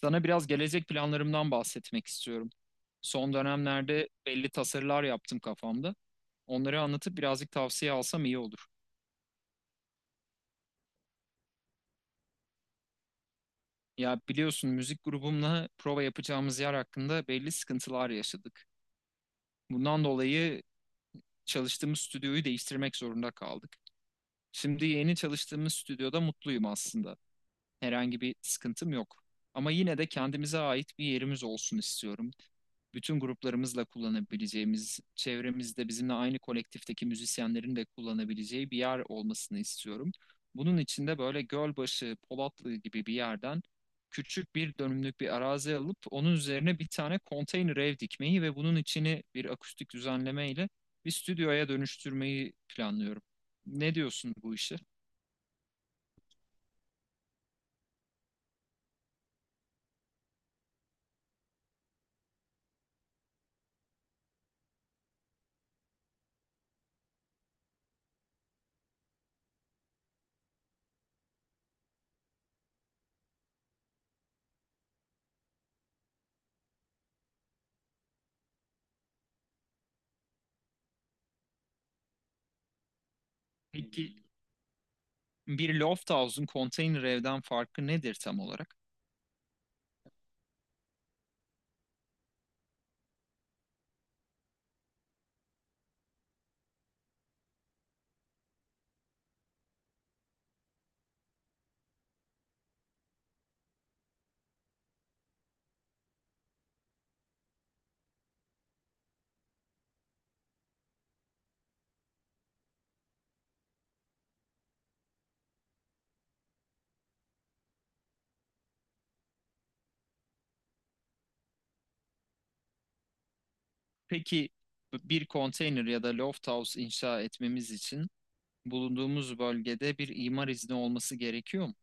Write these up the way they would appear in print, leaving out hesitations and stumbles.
Sana biraz gelecek planlarımdan bahsetmek istiyorum. Son dönemlerde belli tasarılar yaptım kafamda. Onları anlatıp birazcık tavsiye alsam iyi olur. Ya biliyorsun müzik grubumla prova yapacağımız yer hakkında belli sıkıntılar yaşadık. Bundan dolayı çalıştığımız stüdyoyu değiştirmek zorunda kaldık. Şimdi yeni çalıştığımız stüdyoda mutluyum aslında. Herhangi bir sıkıntım yok. Ama yine de kendimize ait bir yerimiz olsun istiyorum. Bütün gruplarımızla kullanabileceğimiz, çevremizde bizimle aynı kolektifteki müzisyenlerin de kullanabileceği bir yer olmasını istiyorum. Bunun için de böyle Gölbaşı, Polatlı gibi bir yerden küçük bir dönümlük bir arazi alıp onun üzerine bir tane konteyner ev dikmeyi ve bunun içini bir akustik düzenlemeyle bir stüdyoya dönüştürmeyi planlıyorum. Ne diyorsun bu işe? Peki, bir Lofthouse'un konteyner evden farkı nedir tam olarak? Peki, bir konteyner ya da lofthouse inşa etmemiz için bulunduğumuz bölgede bir imar izni olması gerekiyor mu?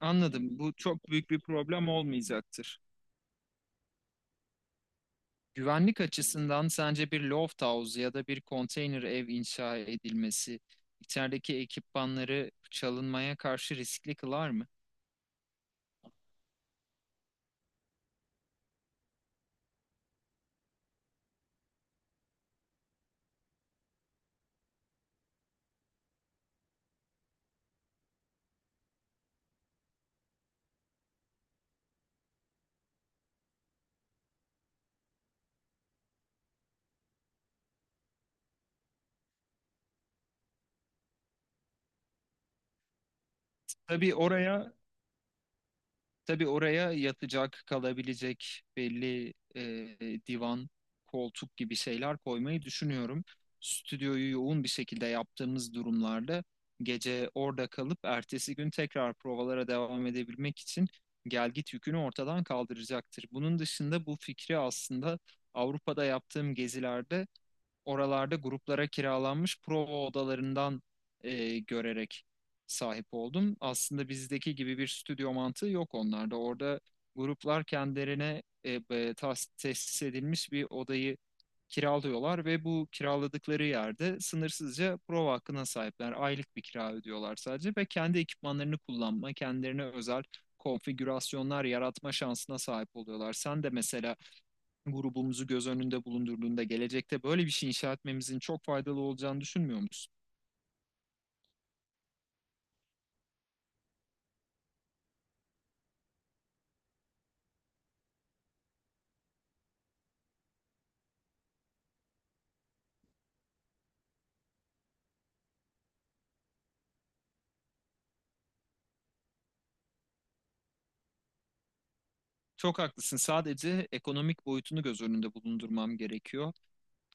Anladım. Bu çok büyük bir problem olmayacaktır. Güvenlik açısından sence bir loft house ya da bir konteyner ev inşa edilmesi içerideki ekipmanları çalınmaya karşı riskli kılar mı? Tabii oraya Tabii oraya yatacak, kalabilecek belli divan, koltuk gibi şeyler koymayı düşünüyorum. Stüdyoyu yoğun bir şekilde yaptığımız durumlarda gece orada kalıp ertesi gün tekrar provalara devam edebilmek için gelgit yükünü ortadan kaldıracaktır. Bunun dışında bu fikri aslında Avrupa'da yaptığım gezilerde oralarda gruplara kiralanmış prova odalarından görerek sahip oldum. Aslında bizdeki gibi bir stüdyo mantığı yok onlarda. Orada gruplar kendilerine tesis edilmiş bir odayı kiralıyorlar ve bu kiraladıkları yerde sınırsızca prova hakkına sahipler. Aylık bir kira ödüyorlar sadece ve kendi ekipmanlarını kullanma, kendilerine özel konfigürasyonlar yaratma şansına sahip oluyorlar. Sen de mesela grubumuzu göz önünde bulundurduğunda gelecekte böyle bir şey inşa etmemizin çok faydalı olacağını düşünmüyor musun? Çok haklısın. Sadece ekonomik boyutunu göz önünde bulundurmam gerekiyor.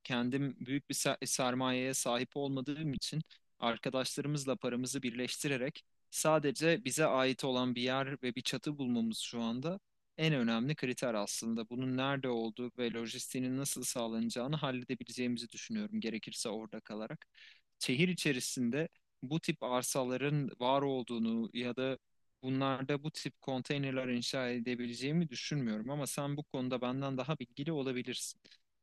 Kendim büyük bir sermayeye sahip olmadığım için arkadaşlarımızla paramızı birleştirerek sadece bize ait olan bir yer ve bir çatı bulmamız şu anda en önemli kriter aslında. Bunun nerede olduğu ve lojistiğinin nasıl sağlanacağını halledebileceğimizi düşünüyorum, gerekirse orada kalarak. Şehir içerisinde bu tip arsaların var olduğunu ya da bunlarda bu tip konteynerler inşa edebileceğimi düşünmüyorum, ama sen bu konuda benden daha bilgili olabilirsin.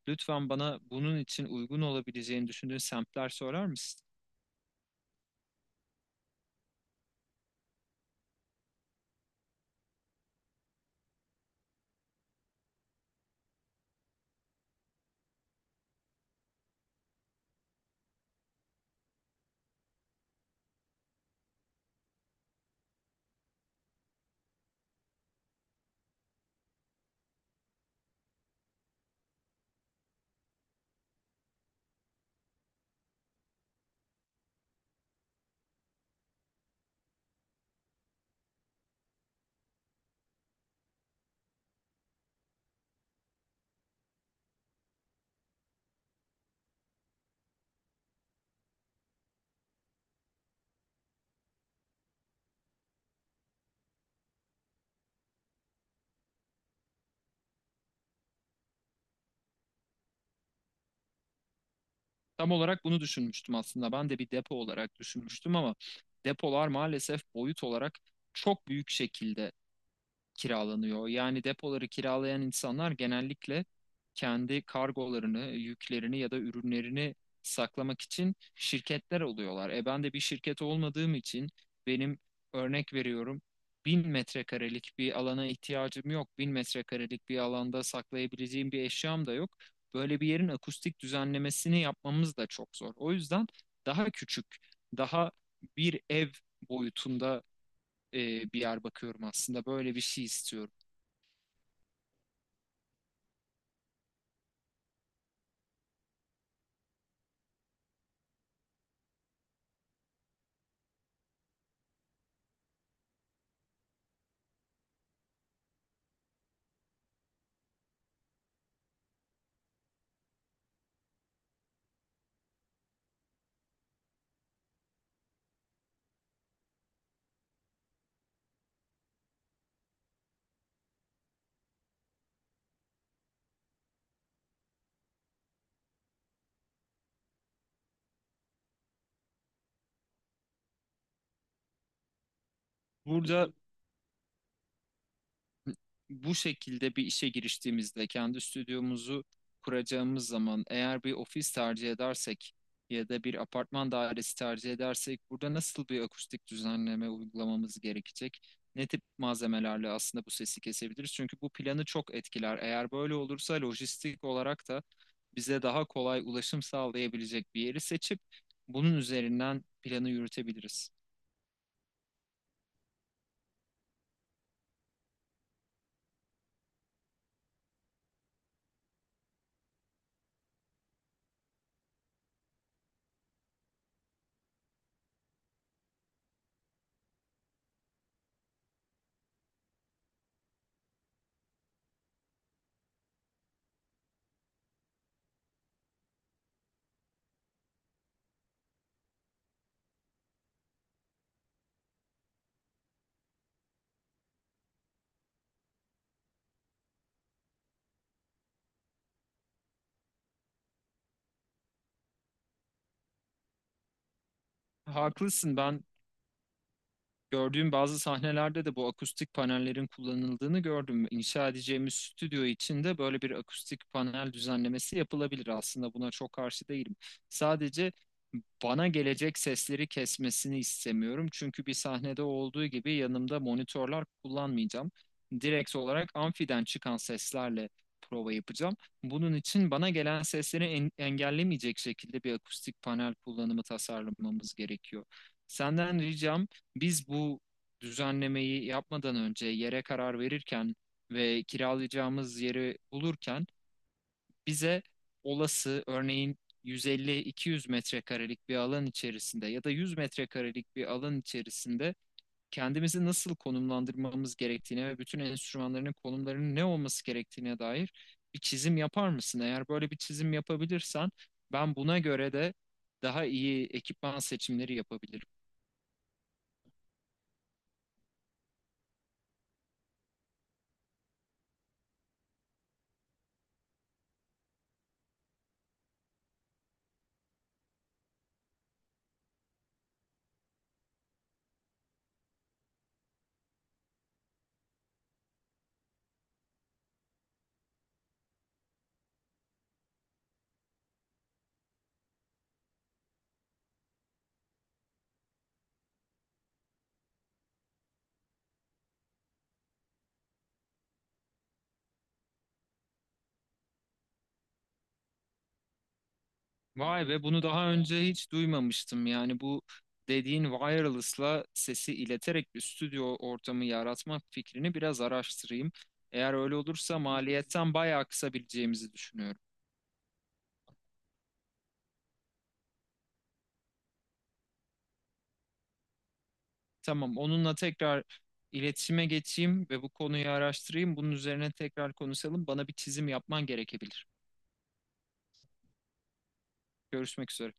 Lütfen bana bunun için uygun olabileceğini düşündüğün semtler sorar mısın? Tam olarak bunu düşünmüştüm aslında. Ben de bir depo olarak düşünmüştüm, ama depolar maalesef boyut olarak çok büyük şekilde kiralanıyor. Yani depoları kiralayan insanlar genellikle kendi kargolarını, yüklerini ya da ürünlerini saklamak için şirketler oluyorlar. E ben de bir şirket olmadığım için benim, örnek veriyorum, 1.000 metrekarelik bir alana ihtiyacım yok. 1.000 metrekarelik bir alanda saklayabileceğim bir eşyam da yok. Böyle bir yerin akustik düzenlemesini yapmamız da çok zor. O yüzden daha küçük, daha bir ev boyutunda e, bir yer bakıyorum aslında. Böyle bir şey istiyorum. Burada bu şekilde bir işe giriştiğimizde kendi stüdyomuzu kuracağımız zaman eğer bir ofis tercih edersek ya da bir apartman dairesi tercih edersek burada nasıl bir akustik düzenleme uygulamamız gerekecek? Ne tip malzemelerle aslında bu sesi kesebiliriz? Çünkü bu planı çok etkiler. Eğer böyle olursa lojistik olarak da bize daha kolay ulaşım sağlayabilecek bir yeri seçip bunun üzerinden planı yürütebiliriz. Haklısın, ben gördüğüm bazı sahnelerde de bu akustik panellerin kullanıldığını gördüm. İnşa edeceğimiz stüdyo için de böyle bir akustik panel düzenlemesi yapılabilir. Aslında buna çok karşı değilim. Sadece bana gelecek sesleri kesmesini istemiyorum. Çünkü bir sahnede olduğu gibi yanımda monitörler kullanmayacağım. Direkt olarak amfiden çıkan seslerle prova yapacağım. Bunun için bana gelen sesleri engellemeyecek şekilde bir akustik panel kullanımı tasarlamamız gerekiyor. Senden ricam, biz bu düzenlemeyi yapmadan önce yere karar verirken ve kiralayacağımız yeri bulurken bize olası, örneğin 150-200 metrekarelik bir alan içerisinde ya da 100 metrekarelik bir alan içerisinde kendimizi nasıl konumlandırmamız gerektiğine ve bütün enstrümanların konumlarının ne olması gerektiğine dair bir çizim yapar mısın? Eğer böyle bir çizim yapabilirsen ben buna göre de daha iyi ekipman seçimleri yapabilirim. Vay be, bunu daha önce hiç duymamıştım. Yani bu dediğin wireless'la sesi ileterek bir stüdyo ortamı yaratma fikrini biraz araştırayım. Eğer öyle olursa maliyetten bayağı kısabileceğimizi düşünüyorum. Tamam, onunla tekrar iletişime geçeyim ve bu konuyu araştırayım. Bunun üzerine tekrar konuşalım. Bana bir çizim yapman gerekebilir. Görüşmek üzere.